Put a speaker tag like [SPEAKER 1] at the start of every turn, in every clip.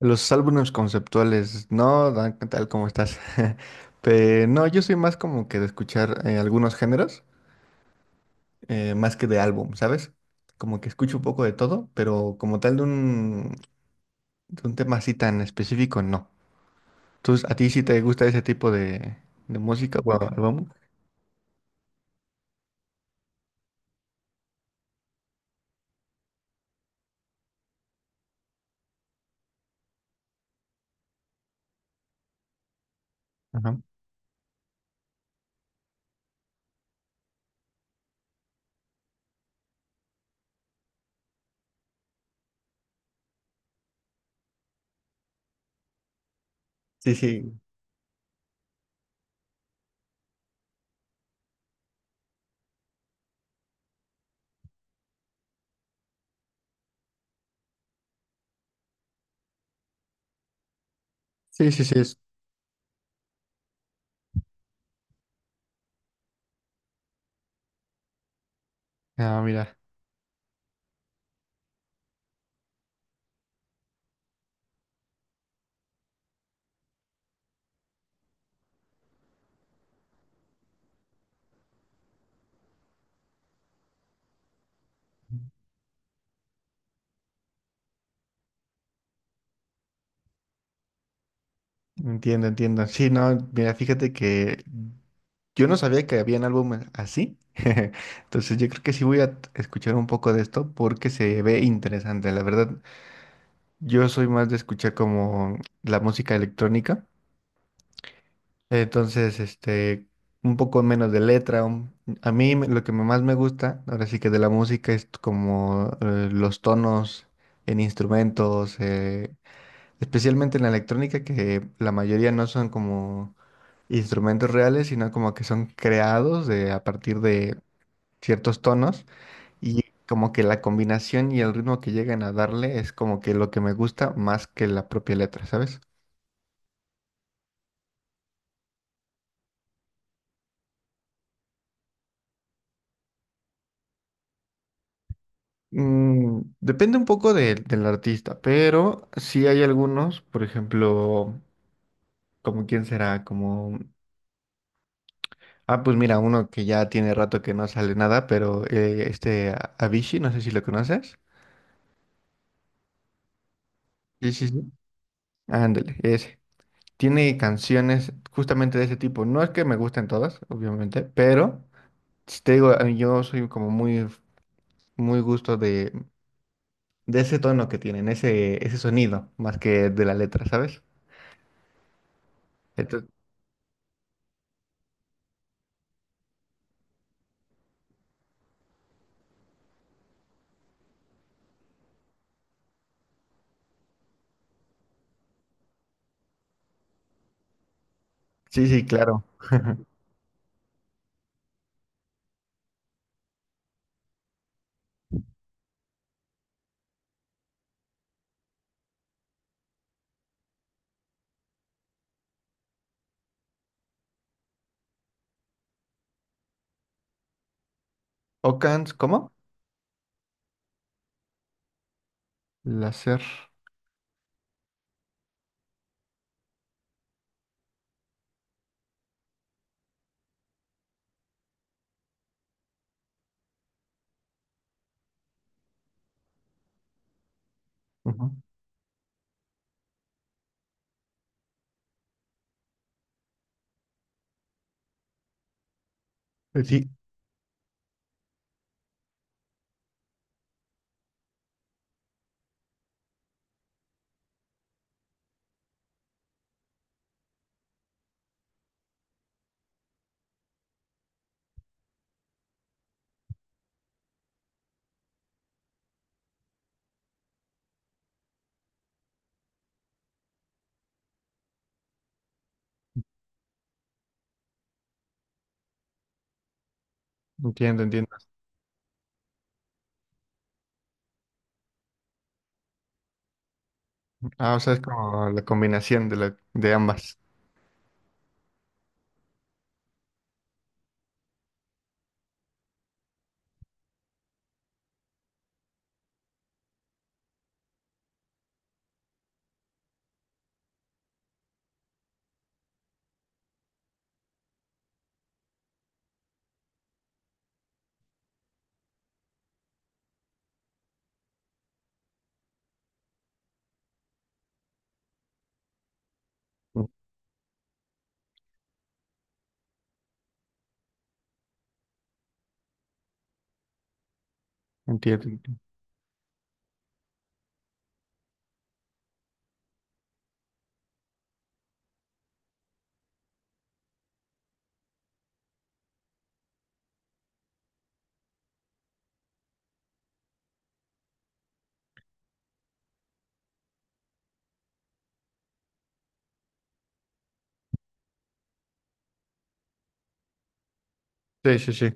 [SPEAKER 1] Los álbumes conceptuales, no, Dan, ¿qué tal? ¿Cómo estás? Pero no, yo soy más como que de escuchar algunos géneros, más que de álbum, ¿sabes? Como que escucho un poco de todo, pero como tal de un tema así tan específico, no. Entonces, ¿a ti sí te gusta ese tipo de música o álbum? Ajá. Sí, sí. Sí, sí, sí. Ah, mira, entiendo, entiendo. Sí, no, mira, fíjate que yo no sabía que habían álbumes así. Entonces yo creo que sí escuchar un poco de esto porque se ve interesante. La verdad, yo soy más de escuchar como la música electrónica. Entonces, este, un poco menos de letra. Lo que más me gusta, ahora sí que de la música, es como los tonos en instrumentos, especialmente en la electrónica, que la mayoría no son como instrumentos reales, sino como que son creados de, a partir de ciertos tonos y como que la combinación y el ritmo que llegan a darle es como que lo que me gusta más que la propia letra, ¿sabes? Depende un poco del artista, pero sí hay algunos, por ejemplo, como quién será, como, ah, pues mira, uno que ya tiene rato que no sale nada, pero este Avicii, no sé si lo conoces. Sí, sí, sí. Ándale, ese. Tiene canciones justamente de ese tipo. No es que me gusten todas, obviamente, pero... Si te digo, a mí yo soy como muy, muy gusto de ese tono que tienen, ese sonido, más que de la letra, ¿sabes? Entonces, sí, sí, claro. Ocans, ¿cómo? Láser. Ujú. Sí, entiendo, entiendo. Ah, o sea, es como la combinación de, la, de ambas. Mm, entiendo. Entiendo. Sí, sí, sí.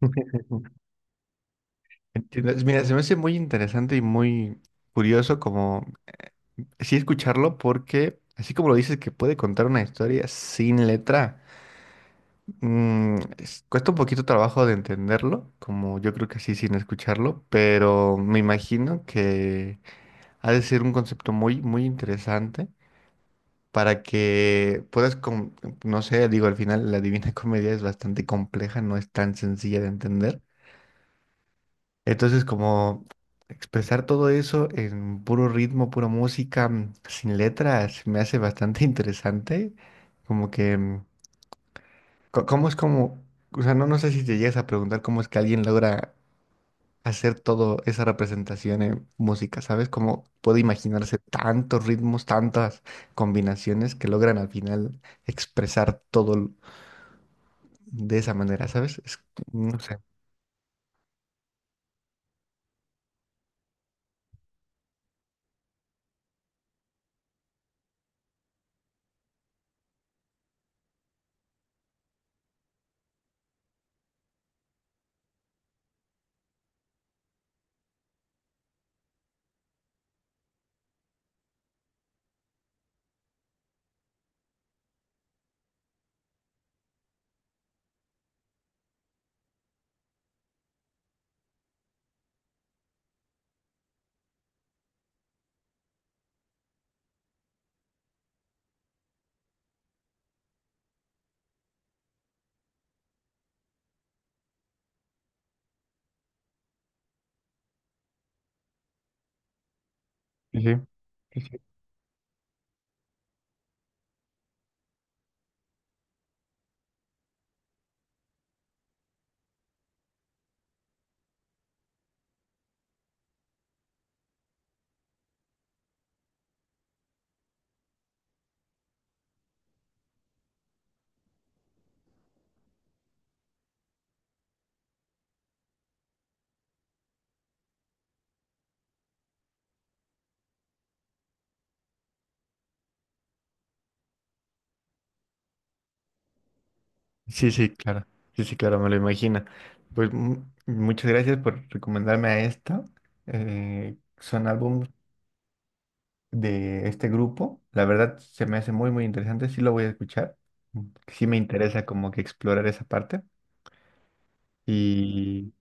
[SPEAKER 1] Entiendo. Mira, se me hace muy interesante y muy curioso como sí escucharlo porque, así como lo dices, que puede contar una historia sin letra. Mm, cuesta un poquito trabajo de entenderlo, como yo creo que así sin escucharlo, pero me imagino que ha de ser un concepto muy, muy interesante para que puedas, no sé, digo, al final la Divina Comedia es bastante compleja, no es tan sencilla de entender. Entonces, como expresar todo eso en puro ritmo, pura música, mm, sin letras, me hace bastante interesante, como que... ¿Cómo es como, o sea, no, no sé si te llegas a preguntar cómo es que alguien logra hacer todo esa representación en música, ¿sabes? Cómo puede imaginarse tantos ritmos, tantas combinaciones que logran al final expresar de esa manera, ¿sabes? No sé. Sí, sí, sí, sí, sí, sí, claro. Sí, sí, claro, me lo imagino. Pues muchas gracias por recomendarme a esta. Son álbumes de este grupo. La verdad se me hace muy, muy interesante. Sí lo voy a escuchar. Mm, sí me interesa como que explorar esa parte. Y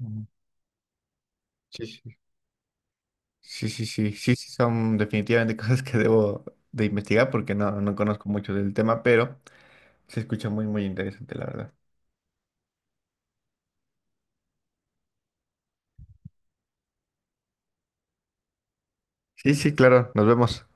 [SPEAKER 1] mm, sí, sí, sí, sí, sí, sí, sí son definitivamente cosas que debo de investigar porque no, no conozco mucho del tema, pero se escucha muy, muy interesante, la verdad. Sí, sí, claro. Nos vemos.